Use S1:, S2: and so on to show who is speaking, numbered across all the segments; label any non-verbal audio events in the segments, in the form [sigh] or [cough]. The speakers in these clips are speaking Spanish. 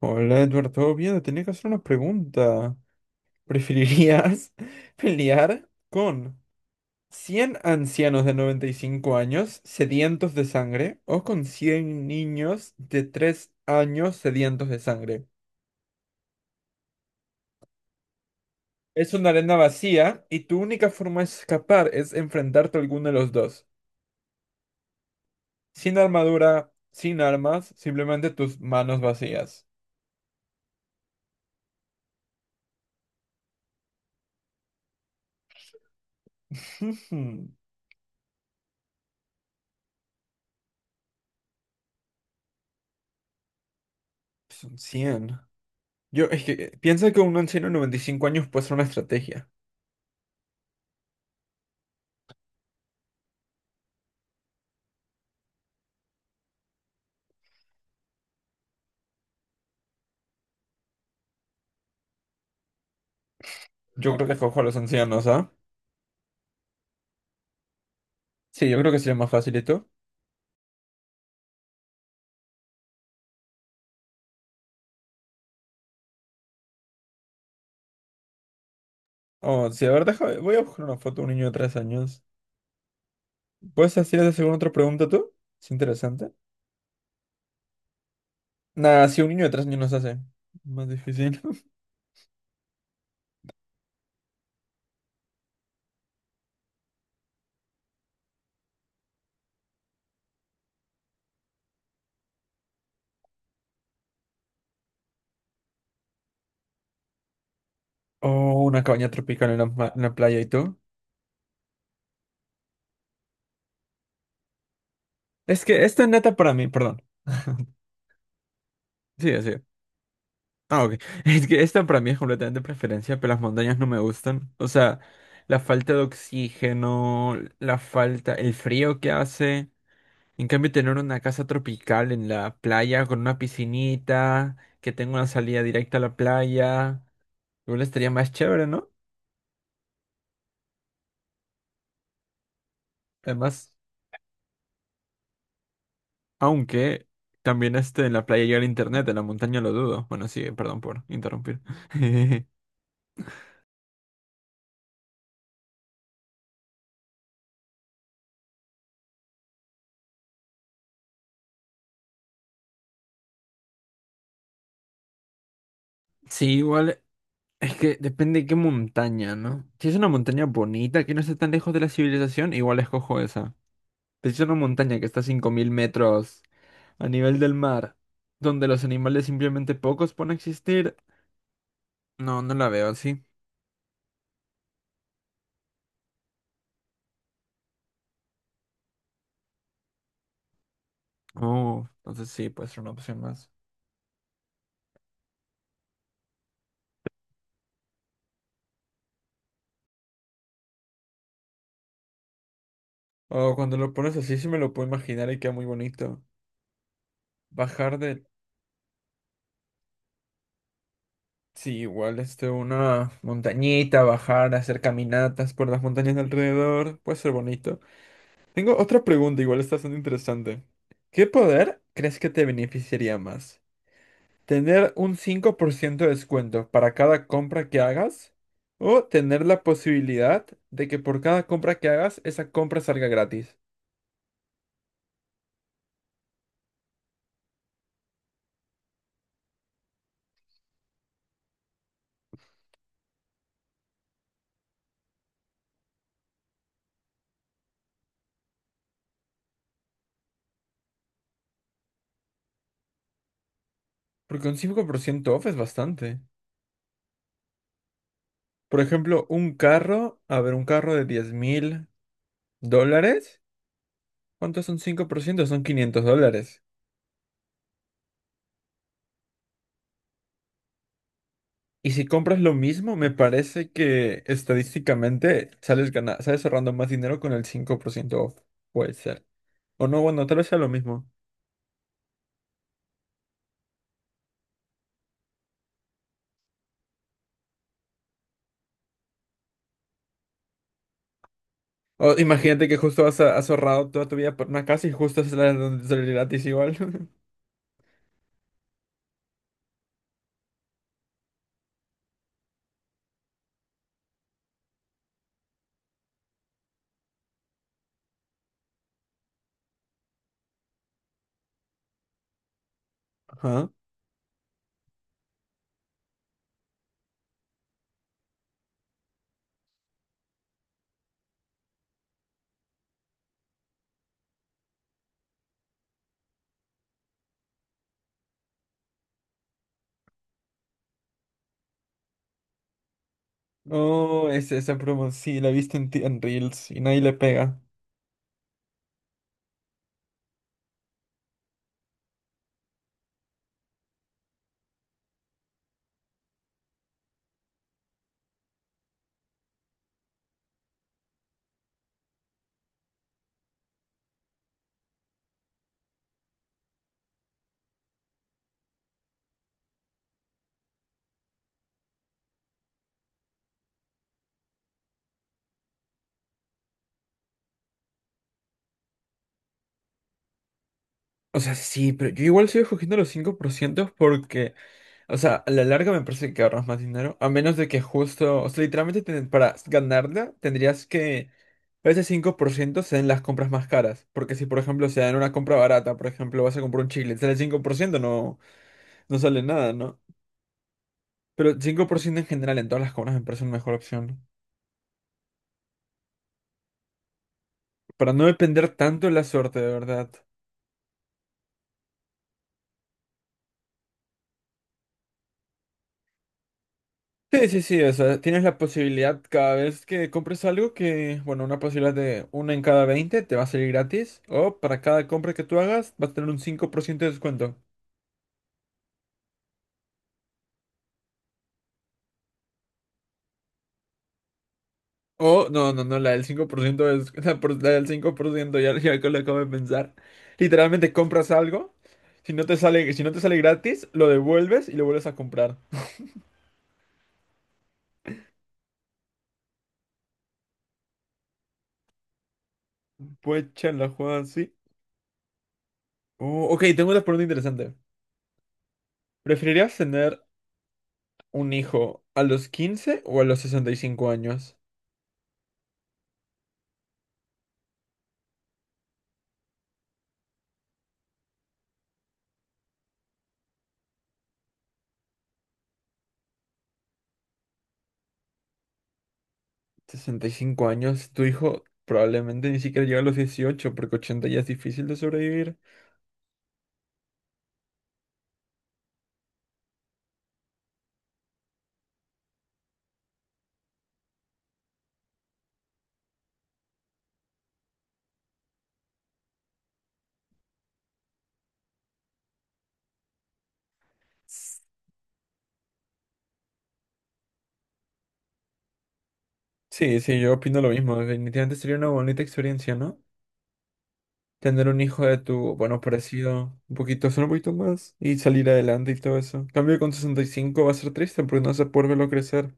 S1: Hola Edward, ¿todo bien? Te tenía que hacer una pregunta. ¿Preferirías [laughs] pelear con 100 ancianos de 95 años sedientos de sangre o con 100 niños de 3 años sedientos de sangre? Es una arena vacía y tu única forma de escapar es enfrentarte a alguno de los dos. Sin armadura, sin armas, simplemente tus manos vacías. [laughs] Son 100. Yo, es que Piensa que un anciano de 95 años puede ser una estrategia. Yo creo que escojo a los ancianos, ¿ah? Sí, yo creo que sería más fácil. ¿Y tú? Oh, sí, a ver, deja, voy a buscar una foto de un niño de 3 años. ¿Puedes hacer otra pregunta tú? Es interesante. Nada, si un niño de 3 años nos hace. Más difícil. [laughs] Oh, una cabaña tropical en en la playa, ¿y tú? Es que esta neta para mí, perdón. [laughs] Sí, sí. Ah, ok. [laughs] Es que esta para mí es completamente preferencia, pero las montañas no me gustan. O sea, la falta de oxígeno, la falta, el frío que hace. En cambio, tener una casa tropical en la playa con una piscinita, que tenga una salida directa a la playa, igual estaría más chévere, ¿no? Además, aunque también este en la playa llega el internet, en la montaña lo dudo. Bueno, sí, perdón por interrumpir. [laughs] Sí, igual es que depende de qué montaña, ¿no? Si es una montaña bonita que no esté tan lejos de la civilización, igual escojo esa. Pero si es una montaña que está a 5.000 metros a nivel del mar, donde los animales simplemente pocos pueden existir. No, no la veo así. Oh, entonces sí, puede ser una opción más. Oh, cuando lo pones así, sí me lo puedo imaginar y queda muy bonito. Bajar de, sí, igual, este, una montañita, bajar, hacer caminatas por las montañas de alrededor, puede ser bonito. Tengo otra pregunta, igual está bastante interesante. ¿Qué poder crees que te beneficiaría más? ¿Tener un 5% de descuento para cada compra que hagas? ¿O tener la posibilidad de que por cada compra que hagas, esa compra salga gratis? Porque un 5% off es bastante. Por ejemplo, un carro, a ver, un carro de 10.000 dólares, ¿cuánto son ciento? Son 500 dólares. Y si compras lo mismo, me parece que estadísticamente sales ahorrando más dinero con el 5% off. Puede ser. O no, bueno, tal vez sea lo mismo. O imagínate que justo has ahorrado toda tu vida por una casa y justo es la donde sale gratis igual. [laughs] Ajá. Oh, esa promo, sí, la viste en Reels y nadie le pega. O sea, sí, pero yo igual sigo escogiendo los 5% porque, o sea, a la larga me parece que ahorras más dinero, a menos de que justo, o sea, literalmente para ganarla tendrías que ese 5% sean las compras más caras, porque si por ejemplo se dan una compra barata, por ejemplo, vas a comprar un chicle, sale 5% no sale nada, ¿no? Pero 5% en general en todas las compras me parece una mejor opción, ¿no? Para no depender tanto de la suerte, de verdad. Sí, sí, sí, o sea, tienes la posibilidad cada vez que compres algo que, bueno, una posibilidad de una en cada 20 te va a salir gratis, o para cada compra que tú hagas vas a tener un 5% de descuento. O, no, no, no, la, del 5% es [laughs] la del 5% ya, ya que lo acabo de pensar. Literalmente compras algo, si no te sale, si no te sale gratis, lo devuelves y lo vuelves a comprar. Puecha la jugada así. Oh, ok, tengo una pregunta interesante. ¿Preferirías tener un hijo a los 15 o a los 65 años? 65 años, tu hijo probablemente ni siquiera llega a los 18 porque 80 ya es difícil de sobrevivir. Sí, sí, yo opino lo mismo. Definitivamente sería una bonita experiencia, ¿no? Tener un hijo de tu, bueno, parecido, un poquito, solo un poquito más, y salir adelante y todo eso. En cambio con 65 va a ser triste porque no vas a poder verlo crecer.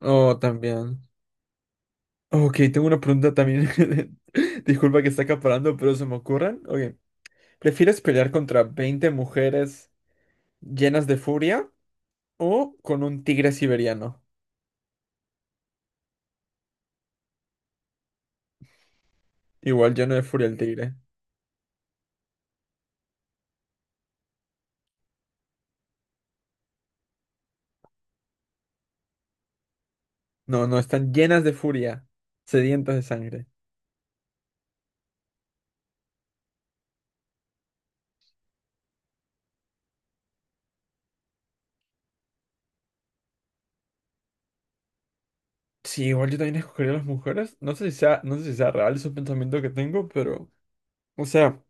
S1: Oh, también. Ok, tengo una pregunta también. [laughs] Disculpa que está acaparando, pero se me ocurren. Ok, ¿prefieres pelear contra 20 mujeres llenas de furia o con un tigre siberiano? Igual lleno de furia el tigre. No, no, están llenas de furia. Sedientas de sangre. Sí, igual yo también escogería a las mujeres. No sé si sea, no sé si sea real ese pensamiento que tengo, pero. O sea,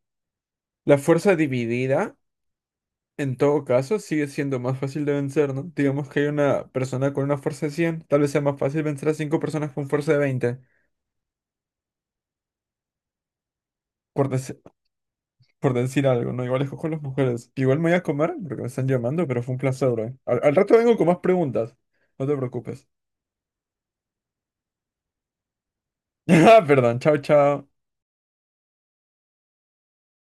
S1: la fuerza dividida, en todo caso, sigue siendo más fácil de vencer, ¿no? Digamos que hay una persona con una fuerza de 100 tal vez sea más fácil vencer a cinco personas con fuerza de 20. Por, por decir algo, ¿no? Igual escojo a las mujeres. Igual me voy a comer porque me están llamando, pero fue un placer, bro. Al rato vengo con más preguntas. No te preocupes. [laughs] Perdón, chao, chao.